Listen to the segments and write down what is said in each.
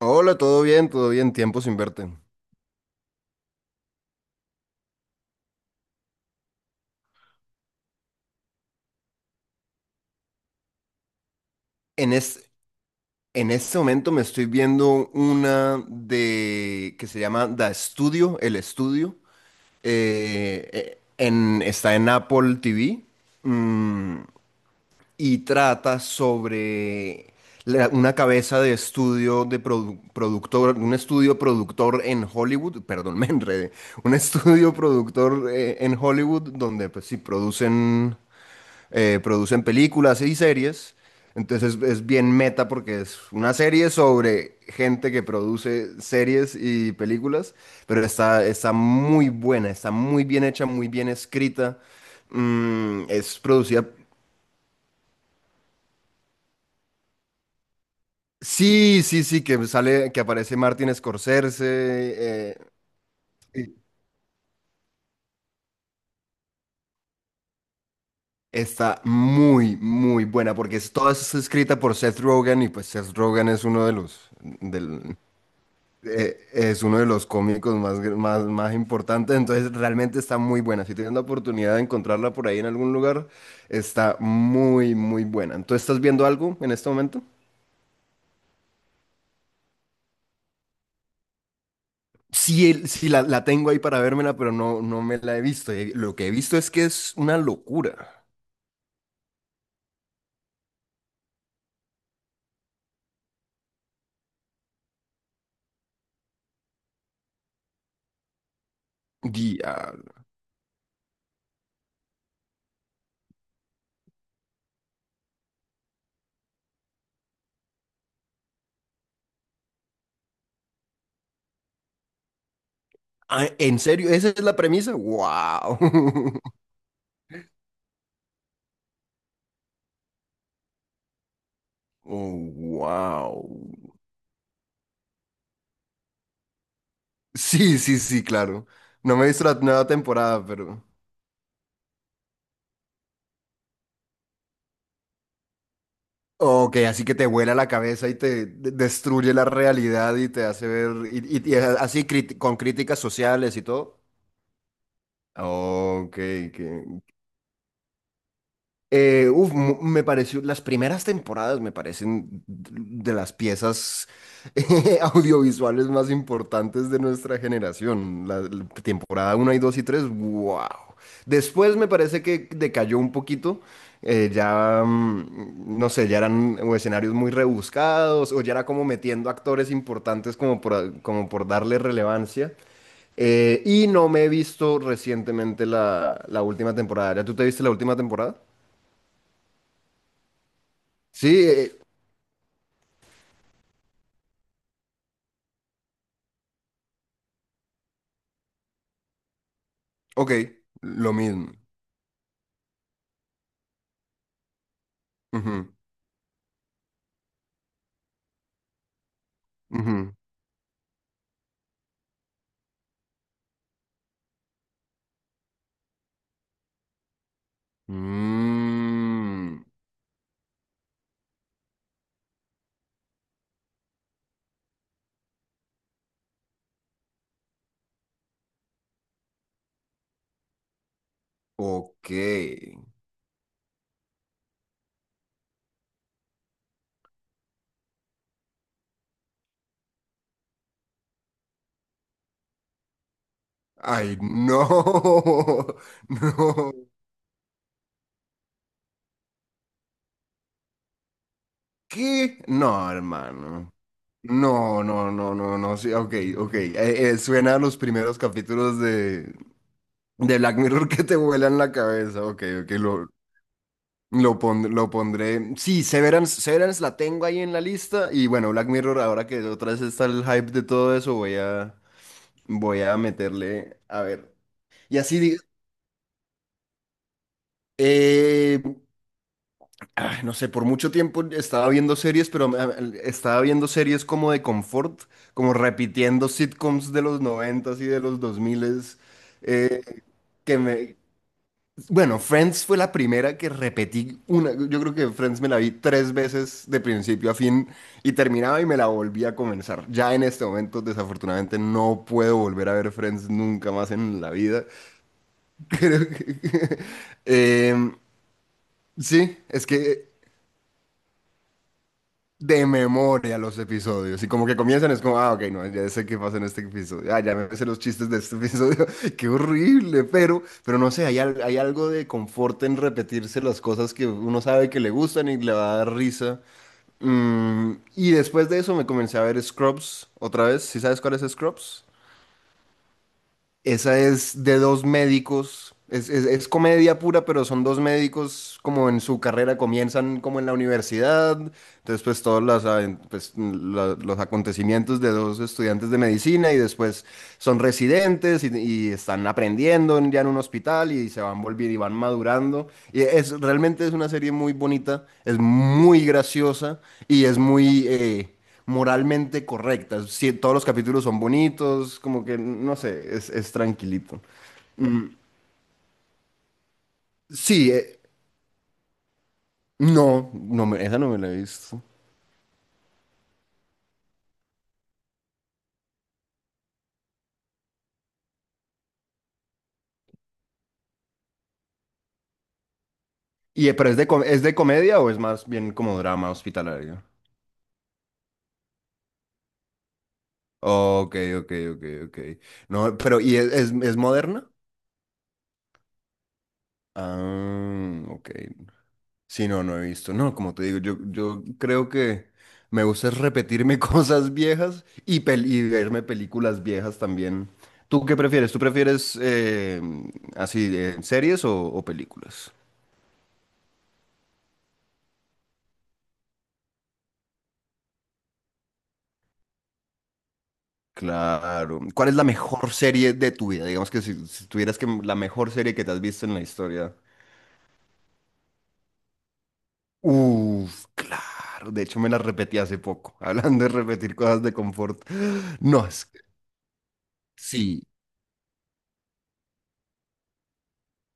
Hola, todo bien, tiempo sin verte. En, es, en este momento me estoy viendo una de que se llama The Studio, El Estudio. Está en Apple TV y trata sobre una cabeza de estudio de productor, un estudio productor en Hollywood, perdón, me enredé, un estudio productor en Hollywood donde pues sí producen producen películas y series. Entonces es bien meta porque es una serie sobre gente que produce series y películas, pero está muy buena, está muy bien hecha, muy bien escrita. Es producida... Sí, sí, sí, que sale, que aparece Martin Scorsese. Y está muy, muy buena porque toda es escrita por Seth Rogen y pues Seth Rogen es uno de los, del- es uno de los cómicos más más importantes, entonces realmente está muy buena. Si tienes la oportunidad de encontrarla por ahí en algún lugar, está muy, muy buena. ¿Entonces estás viendo algo en este momento? Sí, sí la tengo ahí para vérmela, pero no, no me la he visto. Lo que he visto es que es una locura. Diablo. Ah, ¿en serio? ¿Esa es la premisa? ¡Wow! Oh, wow. Sí, sí, sí, claro. No me he visto la nueva temporada, pero... Ok, así que te vuela la cabeza y te destruye la realidad y te hace ver, y así con críticas sociales y todo. Ok, que uf, me pareció, las primeras temporadas me parecen de las piezas audiovisuales más importantes de nuestra generación. La temporada uno y 2 y tres, wow. Después me parece que decayó un poquito. Ya, no sé, ya eran o escenarios muy rebuscados o ya era como metiendo actores importantes como como por darle relevancia. Y no me he visto recientemente la última temporada. ¿Ya tú te viste la última temporada? Sí, ok, lo mismo. Ujú, ujú. Mm, ok. Ay, no, no. ¿Qué? No, hermano. No, no, no, no, no. Sí, ok, ok. Suena a los primeros capítulos de Black Mirror que te vuelan la cabeza. Ok, ok, lo pondré. Sí, Severance, Severance la tengo ahí en la lista. Y bueno, Black Mirror, ahora que otra vez está el hype de todo eso, voy a... Voy a meterle, a ver. Y así, di- eh, no sé, por mucho tiempo estaba viendo series, estaba viendo series como de confort, como repitiendo sitcoms de los noventas y de los dos miles, eh, que me... Bueno, Friends fue la primera que repetí una, yo creo que Friends me la vi tres veces de principio a fin y terminaba y me la volví a comenzar. Ya en este momento, desafortunadamente, no puedo volver a ver Friends nunca más en la vida. Creo que... Em, sí, es que de memoria los episodios. Y como que comienzan, es como, ah, ok, no, ya sé qué pasa en este episodio. Ah, ya me sé los chistes de este episodio. Qué horrible, pero no sé, hay algo de confort en repetirse las cosas que uno sabe que le gustan y le va a dar risa. Mm, y después de eso me comencé a ver Scrubs otra vez. ¿Sí sabes cuál es Scrubs? Esa es de dos médicos, es comedia pura, pero son dos médicos como en su carrera, comienzan como en la universidad, entonces pues todos pues, los acontecimientos de dos estudiantes de medicina y después son residentes y están aprendiendo ya en un hospital y se van volviendo y van madurando. Y realmente es una serie muy bonita, es muy graciosa y es muy... moralmente correcta. Sí, todos los capítulos son bonitos, como que, no sé, es tranquilito. Sí, no, esa no me la he visto. Y, pero es de, ¿es de comedia o es más bien como drama hospitalario? Ok, ok, ok, ok. No, pero, ¿y es moderna? Ah, ok. Sí, no, no he visto. No, como te digo, yo creo que me gusta es repetirme cosas viejas y verme películas viejas también. ¿Tú qué prefieres? ¿Tú prefieres así de series o películas? Claro. ¿Cuál es la mejor serie de tu vida? Digamos que si, si tuvieras que la mejor serie que te has visto en la historia. Uf, claro. De hecho, me la repetí hace poco. Hablando de repetir cosas de confort. No, es que sí.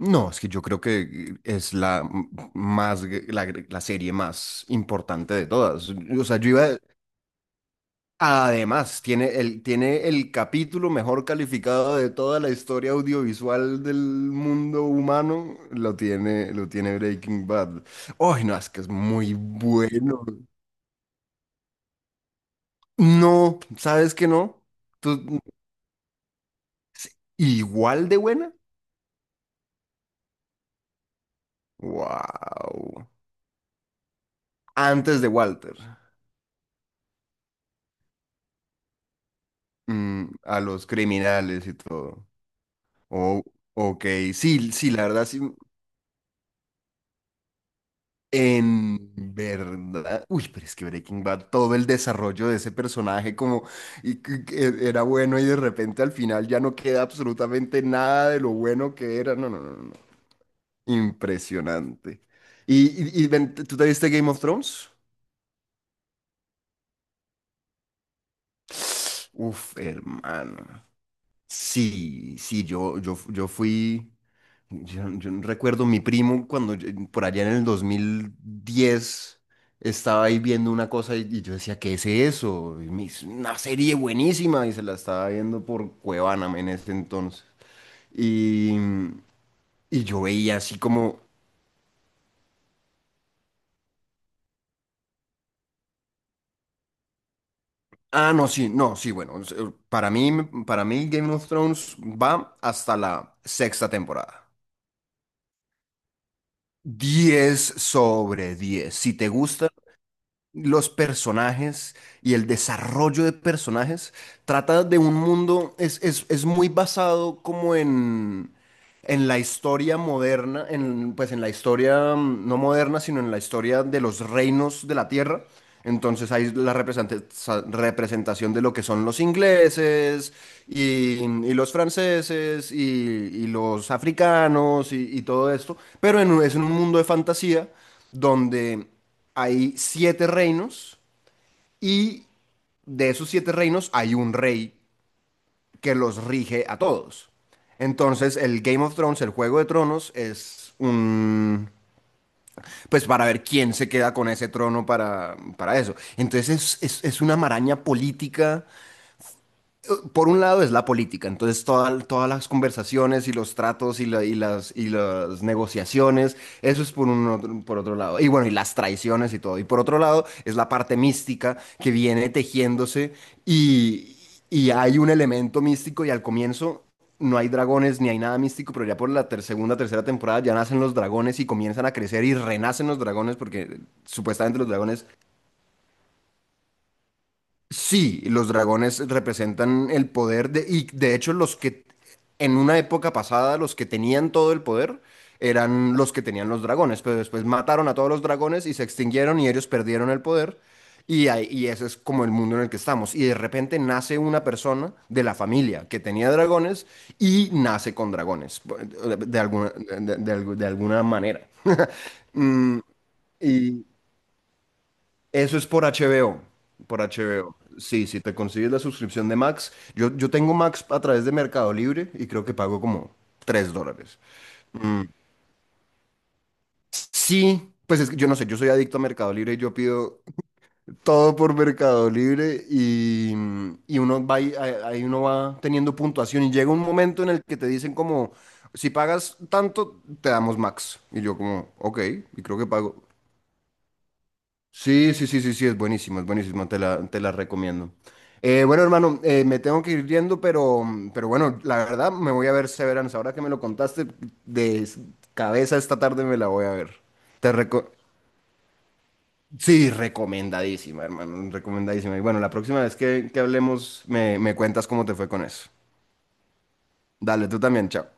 No, es que yo creo que es la m- más gr- la serie más importante de todas. O sea, yo iba además tiene el capítulo mejor calificado de toda la historia audiovisual del mundo humano, lo tiene Breaking Bad. Ay, no, es que es muy bueno. No, ¿sabes que no? ¿Tú- ¿Igual de buena? Wow. Antes de Walter. Mm, a los criminales y todo. Oh, ok, sí, sí, la verdad, sí, en verdad, uy, pero es que Breaking Bad, todo el desarrollo de ese personaje como y, que era bueno y de repente al final ya no queda absolutamente nada de lo bueno que era, no, no, no, no, no. Impresionante. ¿Y, ¿Y ven, tú te viste Game of Thrones? Uf, hermano, sí, sí, yo fui... Yo no recuerdo mi primo cuando por allá en el 2010 estaba ahí viendo una cosa y yo decía, ¿qué es eso? Y me hizo una serie buenísima y se la estaba viendo por Cuevana en ese entonces. Y, y yo veía así como, ah, no, sí, no, sí, bueno, para mí Game of Thrones va hasta la sexta temporada. Diez sobre diez. Si te gusta, los personajes y el desarrollo de personajes. Trata de un mundo, es muy basado como en la historia moderna, en, pues en la historia, mm, no moderna, sino en la historia de los reinos de la tierra. Entonces hay la representación de lo que son los ingleses y los franceses y los africanos y todo esto, pero en es un mundo de fantasía donde hay siete reinos y de esos siete reinos hay un rey que los rige a todos. Entonces, el Game of Thrones, el Juego de Tronos, es un... Pues para ver quién se queda con ese trono para eso. Entonces, es una maraña política eso, por un lado, es la política. Entonces, todas las conversaciones y los tratos y las negociaciones, eso es por, un otro, por otro lado. Y bueno, y las traiciones y todo. Y por otro lado, es la parte mística que viene tejiéndose y, y hay un elemento místico y al comienzo... No hay dragones ni hay nada místico, pero ya por la segunda, tercera temporada ya nacen los dragones y comienzan a crecer y renacen los dragones porque supuestamente los dragones... Sí, los dragones representan el poder de, y de hecho los que en una época pasada los que tenían todo el poder eran los que tenían los dragones, pero después mataron a todos los dragones y se extinguieron y ellos perdieron el poder y ese es como el mundo en el que estamos. Y de repente nace una persona de la familia que tenía dragones y nace con dragones, de alguna, de alguna manera. Mm, y, Eso es por HBO, por HBO. Sí, si te consigues la suscripción de Max, yo tengo Max a través de Mercado Libre y creo que pago como $3. Sí, pues es que yo no sé, yo soy adicto a Mercado Libre y yo pido todo por Mercado Libre y uno va, ahí uno va teniendo puntuación y llega un momento en el que te dicen como, si pagas tanto, te damos Max. Y yo como, ok, y creo que pago. Sí, sí, sí, sí, sí, es buenísimo, te la recomiendo. Bueno, hermano, me tengo que ir yendo, pero bueno, la verdad me voy a ver Severance. Ahora que me lo contaste de s- cabeza, esta tarde me la voy a ver. Te reco- sí, recomendadísima, hermano, recomendadísima. Y bueno, la próxima vez que hablemos me cuentas cómo te fue con eso. Dale, tú también, chao.